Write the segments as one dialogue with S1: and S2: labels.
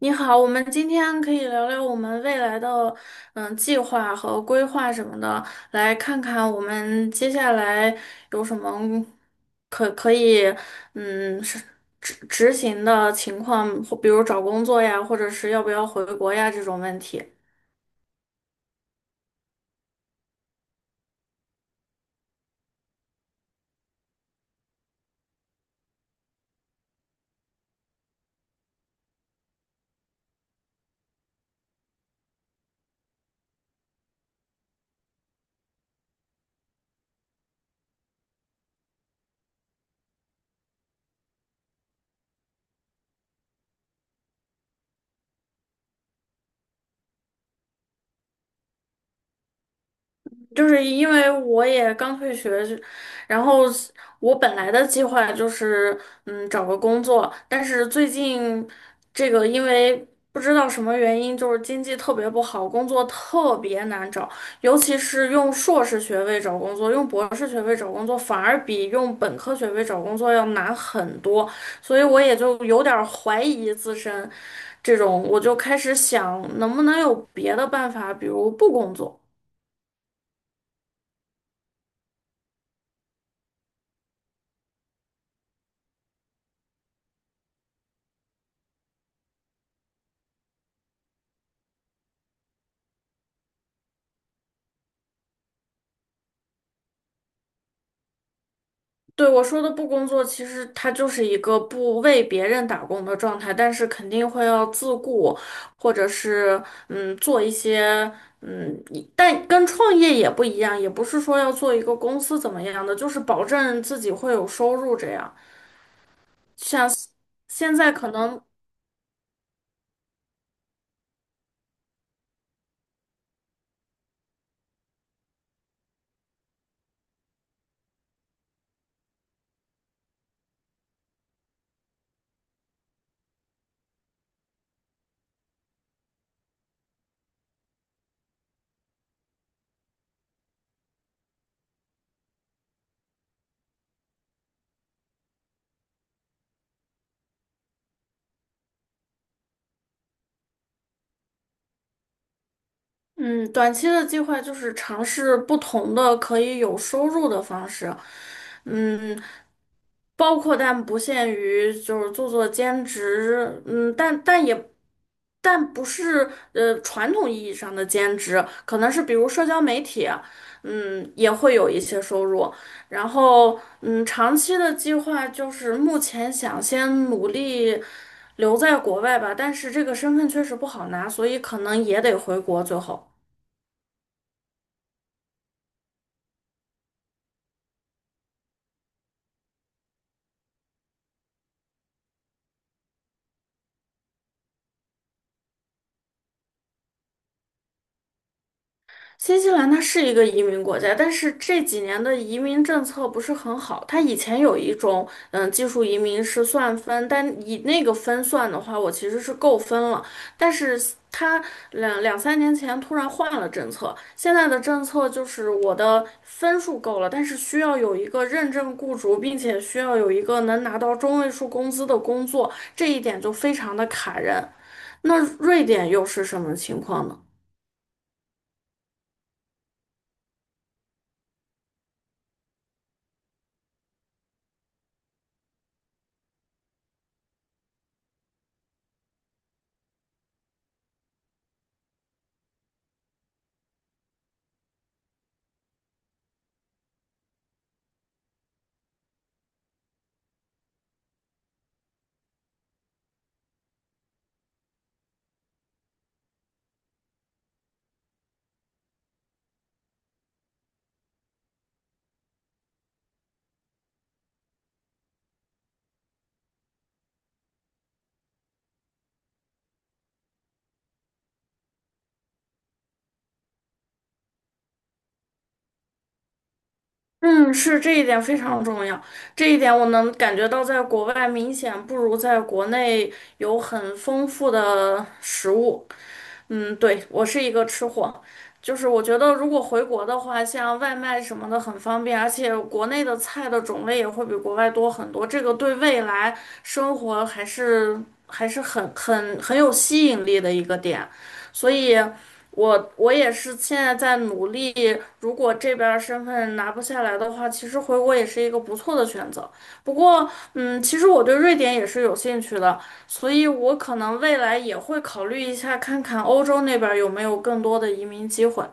S1: 你好，我们今天可以聊聊我们未来的计划和规划什么的，来看看我们接下来有什么可以嗯是执行的情况，或比如找工作呀，或者是要不要回国呀这种问题。就是因为我也刚退学，然后我本来的计划就是找个工作，但是最近这个因为不知道什么原因，就是经济特别不好，工作特别难找，尤其是用硕士学位找工作，用博士学位找工作反而比用本科学位找工作要难很多，所以我也就有点儿怀疑自身，这种我就开始想能不能有别的办法，比如不工作。对，我说的不工作，其实它就是一个不为别人打工的状态，但是肯定会要自顾，或者是做一些一但跟创业也不一样，也不是说要做一个公司怎么样的，就是保证自己会有收入这样。像现在可能嗯短期的计划就是尝试不同的可以有收入的方式，嗯。包括但不限于就是做兼职，嗯，但不是传统意义上的兼职，可能是比如社交媒体，嗯，也会有一些收入。然后长期的计划就是目前想先努力留在国外吧，但是这个身份确实不好拿，所以可能也得回国最后。新西兰它是一个移民国家，但是这几年的移民政策不是很好。它以前有一种，嗯，技术移民是算分，但以那个分算的话，我其实是够分了。但是它两三年前突然换了政策，现在的政策就是我的分数够了，但是需要有一个认证雇主，并且需要有一个能拿到中位数工资的工作，这一点就非常的卡人。那瑞典又是什么情况呢？嗯，是这一点非常重要，这一点我能感觉到，在国外明显不如在国内有很丰富的食物。嗯，对，我是一个吃货，就是我觉得如果回国的话，像外卖什么的很方便，而且国内的菜的种类也会比国外多很多，这个对未来生活还是很有吸引力的一个点，所以我也是现在在努力，如果这边儿身份拿不下来的话，其实回国也是一个不错的选择。不过，嗯，其实我对瑞典也是有兴趣的。所以我可能未来也会考虑一下，看看欧洲那边儿有没有更多的移民机会。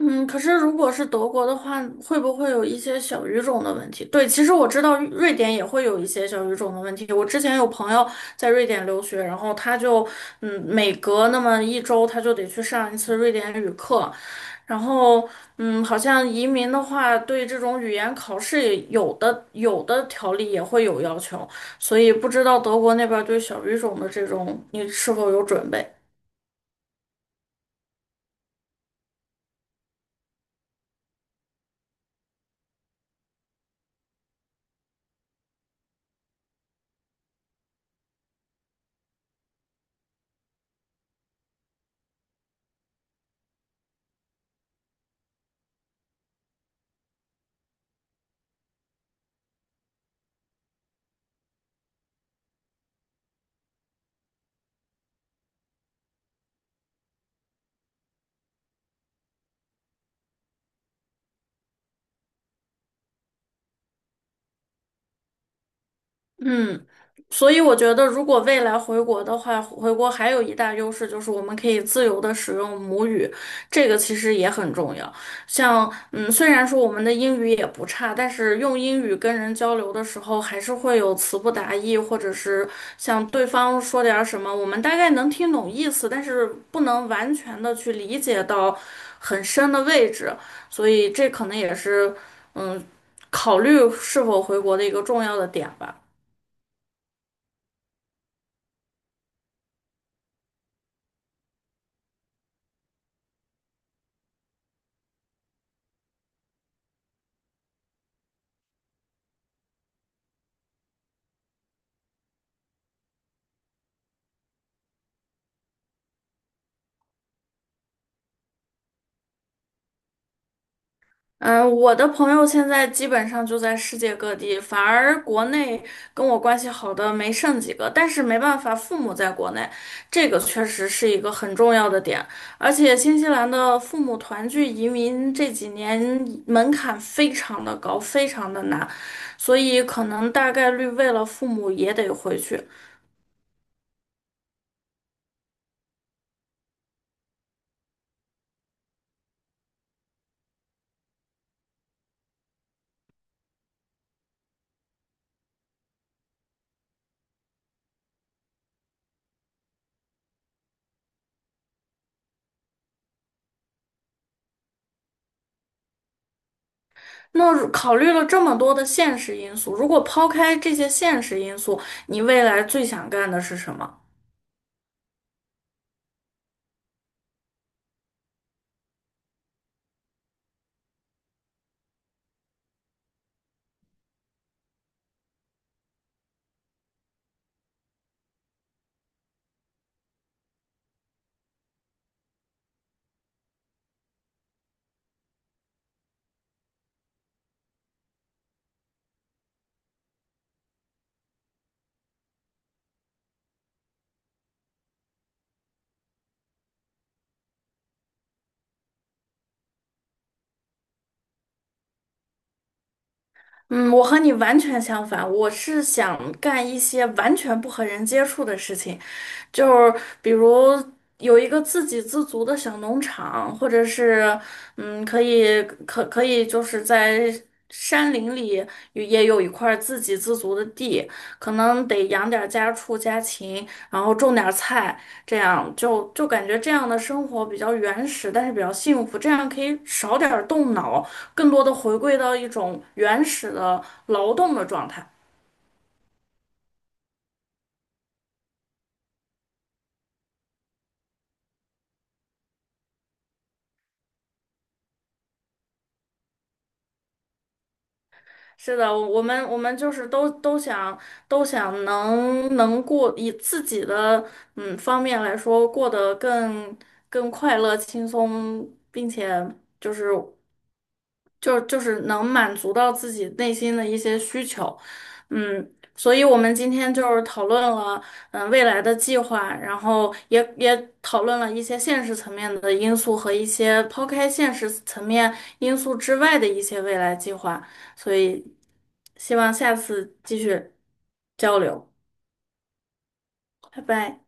S1: 嗯，可是如果是德国的话，会不会有一些小语种的问题？对，其实我知道瑞典也会有一些小语种的问题。我之前有朋友在瑞典留学，然后他就，嗯，每隔那么一周他就得去上一次瑞典语课，然后，嗯，好像移民的话，对这种语言考试也有的条例也会有要求，所以不知道德国那边对小语种的这种，你是否有准备？嗯，所以我觉得，如果未来回国的话，回国还有一大优势就是我们可以自由的使用母语，这个其实也很重要。像，嗯，虽然说我们的英语也不差，但是用英语跟人交流的时候，还是会有词不达意，或者是像对方说点儿什么，我们大概能听懂意思，但是不能完全的去理解到很深的位置，所以这可能也是，嗯，考虑是否回国的一个重要的点吧。嗯，我的朋友现在基本上就在世界各地，反而国内跟我关系好的没剩几个。但是没办法，父母在国内，这个确实是一个很重要的点。而且新西兰的父母团聚移民这几年门槛非常的高，非常的难，所以可能大概率为了父母也得回去。那如考虑了这么多的现实因素，如果抛开这些现实因素，你未来最想干的是什么？嗯，我和你完全相反，我是想干一些完全不和人接触的事情，就是比如有一个自给自足的小农场，或者是可以就是在山林里也有一块自给自足的地，可能得养点儿家畜家禽，然后种点儿菜，这样就感觉这样的生活比较原始，但是比较幸福，这样可以少点儿动脑。更多的回归到一种原始的劳动的状态。是的，我们就是都想能过以自己的方面来说过得更快乐、轻松，并且就是就是能满足到自己内心的一些需求，嗯，所以我们今天就是讨论了，嗯，未来的计划，然后也讨论了一些现实层面的因素和一些抛开现实层面因素之外的一些未来计划，所以希望下次继续交流，拜拜。